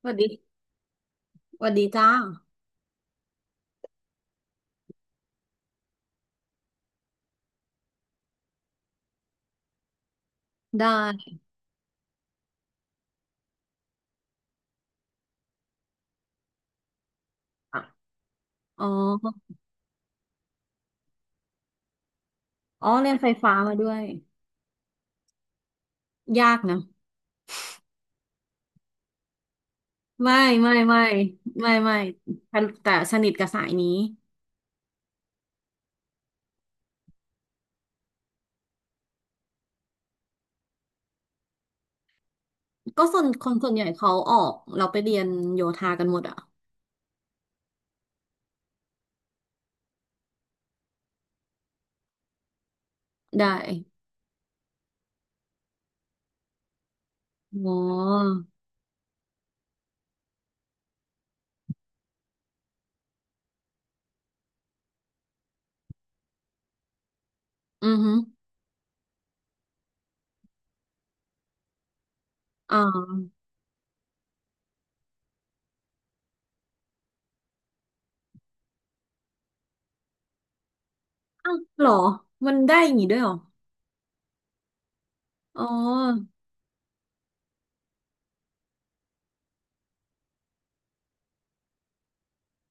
สวัสดีสวัสดีจ้าได้อ่ะอ๋อ อ๋อ เรียนไฟฟ้ามาด้วย ยากนะ ไม่ไม่ไม่ ไม่ไม่แต่แต่สนิทกับสายนี้ ก็ส่วนคนส่วนใหญ่เขาออกเราไปเรียนโยธากันหมดอ่ะได้อ๋ออือฮึอ่าอ้าวเหรอ มันได้อย่างงี้ด้วยเหรอ อ๋อ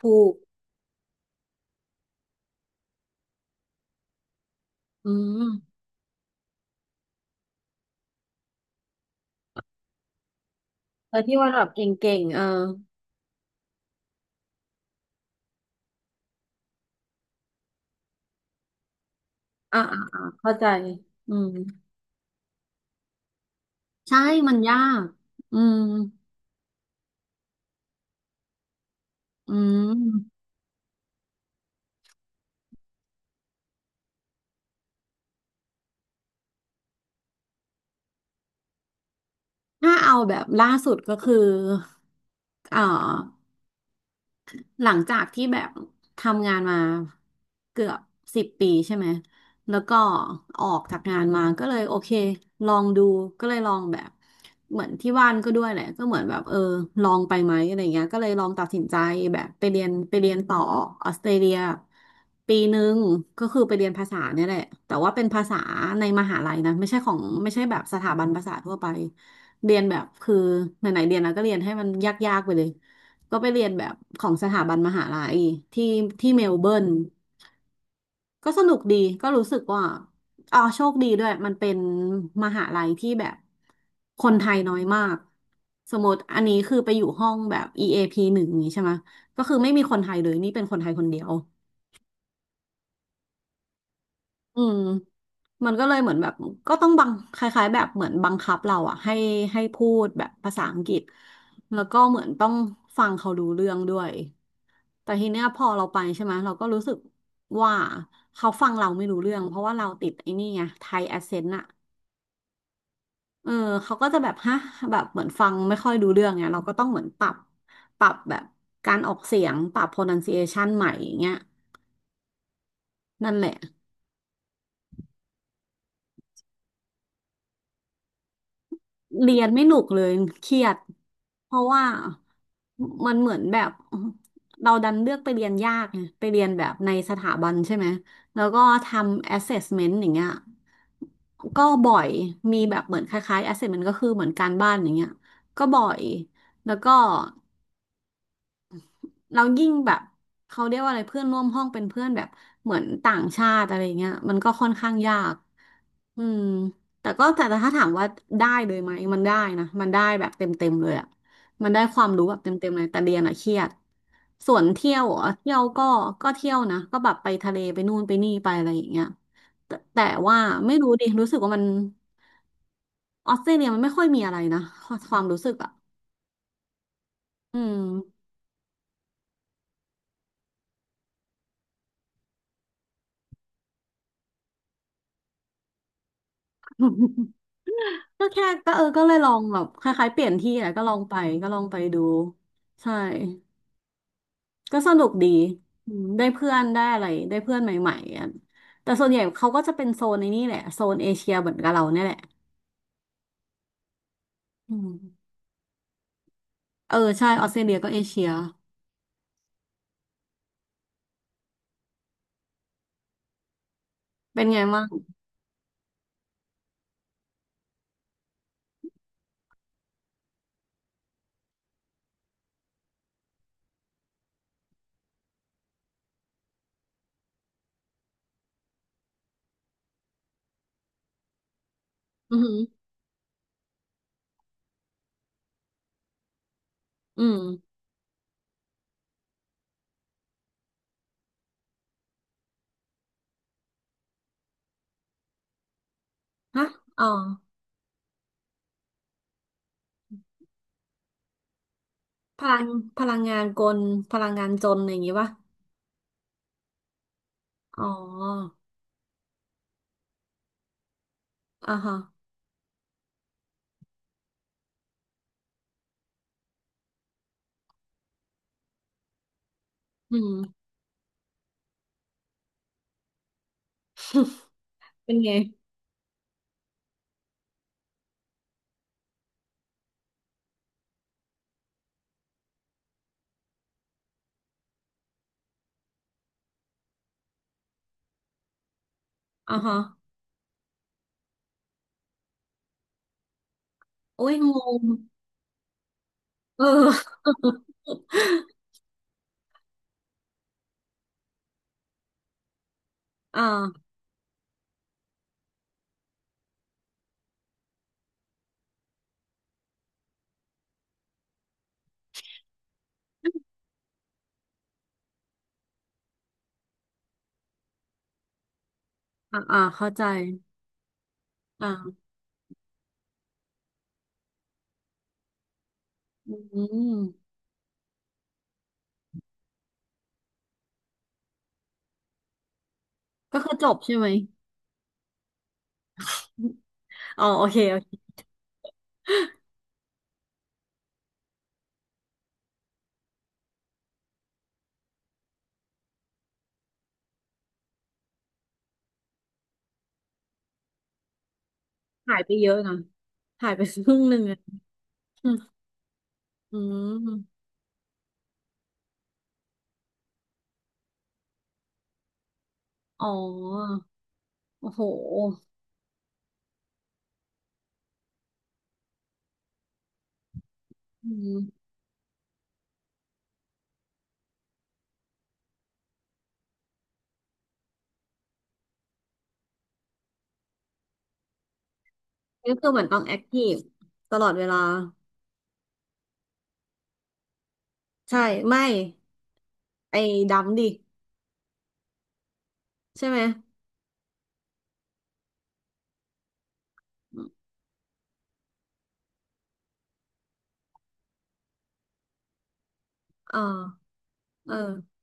ถูก อืมแต่ที่ว่าแบบเก่งๆเอออ่าอ่าอ่าเข้าใจอืมใช่มันยากอืมอืม ถ้าเอาแบบล่าสุดก็คือเอ่อ หลังจากที่แบบทำงานมาเกือบสิบปีใช่ไหมแล้วก็ออกจากงานมาก็เลยโอเคลองดูก็เลยลองแบบเหมือนที่บ้านก็ด้วยแหละก็เหมือนแบบเออลองไปไหมอะไรเงี้ยก็เลยลองตัดสินใจแบบไปเรียนไปเรียนต่อออสเตรเลียปีหนึ่งก็คือไปเรียนภาษาเนี่ยแหละแต่ว่าเป็นภาษาในมหาลัยนะไม่ใช่ของไม่ใช่แบบสถาบันภาษาทั่วไปเรียนแบบคือไหนๆเรียนแล้วก็เรียนให้มันยากๆไปเลย ก็ไปเรียนแบบของสถาบันมหาลัยที่ที่เมลเบิร์นก็สนุกดีก็รู้สึกว่าอ๋อโชคดีด้วยมันเป็นมหาลัยที่แบบคนไทยน้อยมากสมมติอันนี้คือไปอยู่ห้องแบบ EAP หนึ่งอย่างนี้ใช่ไหมก็คือไม่มีคนไทยเลยนี่เป็นคนไทยคนเดียวอืมมันก็เลยเหมือนแบบก็ต้องบังคล้ายๆแบบเหมือนบังคับเราอะให้ให้พูดแบบภาษาอังกฤษแล้วก็เหมือนต้องฟังเขารู้เรื่องด้วย แต่ทีเนี้ยพอเราไปใช่ไหมเราก็รู้สึกว่าเขาฟังเราไม่รู้เรื่องเพราะว่าเราติดไอ้นี่ไงไทยแอสเซนต์อะเออเขาก็จะแบบฮะแบบเหมือนฟังไม่ค่อยรู้เรื่องไงเราก็ต้องเหมือนปรับแบบการออกเสียงปรับ pronunciation ใหม่อย่างเงี้ยนั่นแหละ เรียนไม่หนุกเลยเครียดเพราะว่ามันเหมือนแบบเราดันเลือกไปเรียนยากไงไปเรียนแบบในสถาบันใช่ไหมแล้วก็ทำ assessment อย่างเงี้ยก็บ่อยมีแบบเหมือนคล้ายๆ assessment ก็คือเหมือนการบ้านอย่างเงี้ยก็บ่อยแล้วก็เรายิ่งแบบเขาเรียกว่าอะไรเพื่อนร่วมห้องเป็นเพื่อนแบบเหมือนต่างชาติอะไรเงี้ยมันก็ค่อนข้างยาก อืมแต่ก็แต่ถ้าถามว่าได้เลยไหมมันได้นะมันได้แบบเต็มเต็มเลยอ่ะมันได้ความรู้แบบเต็มเต็มเลยแต่เรียนอ่ะเครียดส่วนเที่ยวอ่ะเที่ยวก็ก็เที่ยวนะก็แบบไปทะเลไปนู่นไปนี่ไปอะไรอย่างเงี้ยแต่แต่ว่าไม่รู้ดิรู้สึกว่ามันออสเตรเลียมันไม่ค่อยมีอะไรนะความรู้สึกอ่ะอืม ก็แค่ก็เออก็เลยลองแบบคล้ายๆเปลี่ยนที่แหละก็ลองไปก็ลองไปดูใช่ ก็สนุกดีอืมได้เพื่อนได้อะไร ได้เพื่อนใหม่ๆอะแต่ส่วนใหญ่เขาก็จะเป็นโซนในนี่แหละ โซนเอเชียเหมือนกับเราเนี่ยแหละอืมเออใช่ออสเตรเลียก็เอเชียเป็นไงบ้างอือหืออืมฮะอ๋อพลังพลังงานกลพลังงานจนอะไรอย่างงี้ป่ะอ๋ออ่าฮะอืม เป็นไงอ่าฮะโอ้ยงงเออ อ่าอ่าอ่าเข้าใจอ่าอืมก็คือจบใช่ไหมอ๋อโอเค หายไปเยอะนะหายไปครึ่งหนึ่งอะอืมอืมอ๋อ โอ้โหอืมก็คือเหมือนต้องแอคทีฟตลอดเวลา ใช่ ไม่ ไอ้ดำดิ ใช่ไหมเออเออ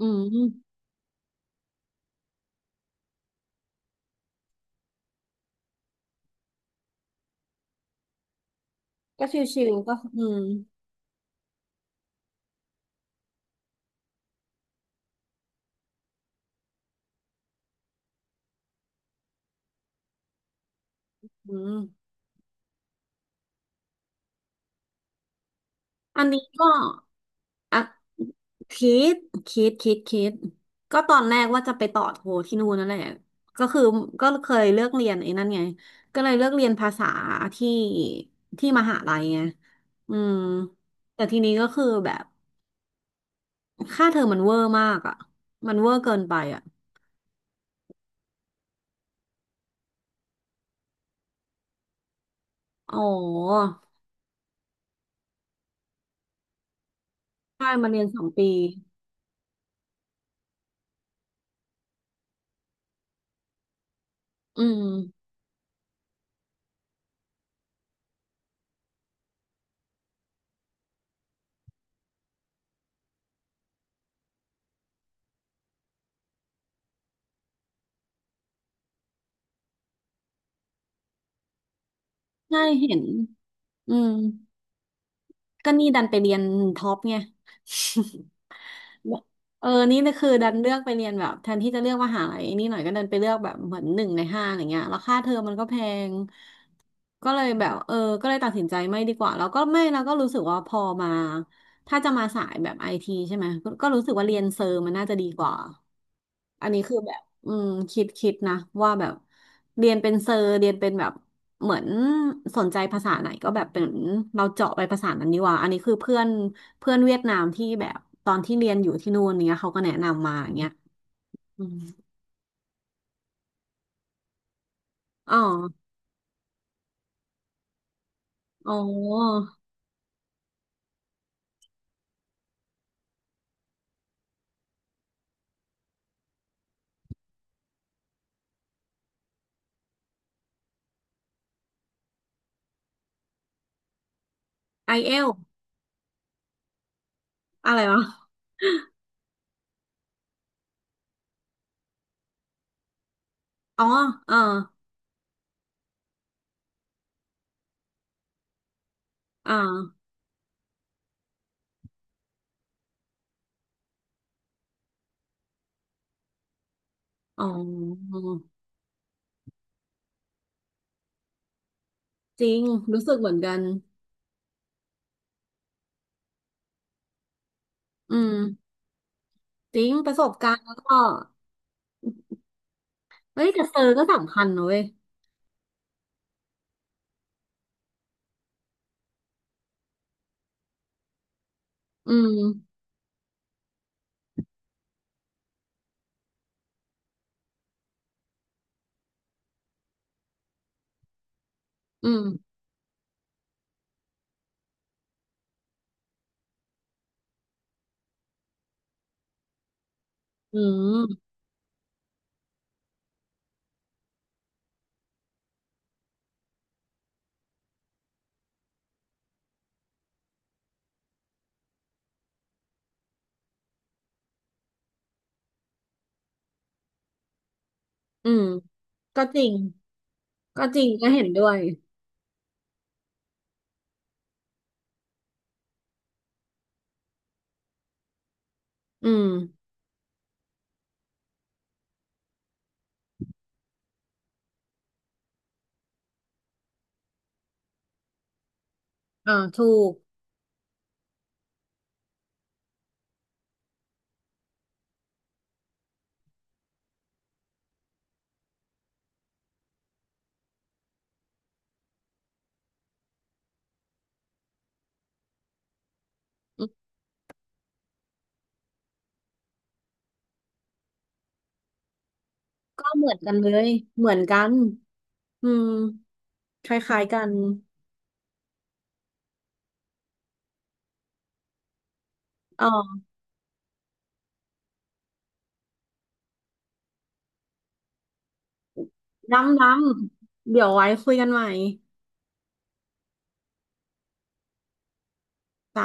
อืมก็ชิวๆก็อืมอืมอันนี้ก็อ่ะ คิดคิดคิดก็ตอนแรกว่าจะไปต่อโทที่นู่นนั่นแหละก็คือก็เคยเลือกเรียนไอ้นั่นไงก็เลยเลือกเรียนภาษาที่ที่มหาลัยไงอืมแต่ทีนี้ก็คือแบบค่าเทอมมันเวอร์มากอ่ะมันเวอร์เกินไปอ่ะอ๋อใช่มาเรียนสองปีอืมใช่เห็นอืมก็นี่ดันไปเรียนท็อปไง เออนี่นะคือดันเลือกไปเรียนแบบแทนที่จะเลือกมหาลัยไนี่หน่อยก็ดันไปเลือกแบบเหมือนหนึ่งในห้าอะไรเงี้ยแล้วค่าเทอมมันก็แพงก็เลยแบบเออก็เลยตัดสินใจไม่ดีกว่าแล้วก็ไม่แล้วก็รู้สึกว่าพอมาถ้าจะมาสายแบบไอทีใช่ไหมก็ก็รู้สึกว่าเรียนเซอร์มันน่าจะดีกว่า อันนี้คือแบบอืมคิดคิดนะว่าแบบเรียนเป็นเซอร์เรียนเป็นแบบเหมือนสนใจภาษาไหนก็แบบเป็นเราเจาะไปภาษานั้นดีกว่าอันนี้คือเพื่อนเพื่อนเวียดนามที่แบบตอนที่เรียนอยู่ที่นู่นเนี้ยเขาก็แนะนำมาอย่างเงี้ยอืมอ๋ออ๋อไอเอลอะไรวะอ๋อเอออ่าอ๋อจริงรู้สึกเหมือนกันอืมจริงประสบการณ์แล้วก็เอ้ยแต่เซอร์ก็สำคัญนะเว้ยอืมอืมอืม อืมก็จริงก็จริงก็เห็นด้วยอืมอ่าถูกก็เหมือนกันเลยเหมือนกันอืมคล้ายๆกันอ๋อน้ำเดี๋ยวไว้คุยกันใหม่จ้า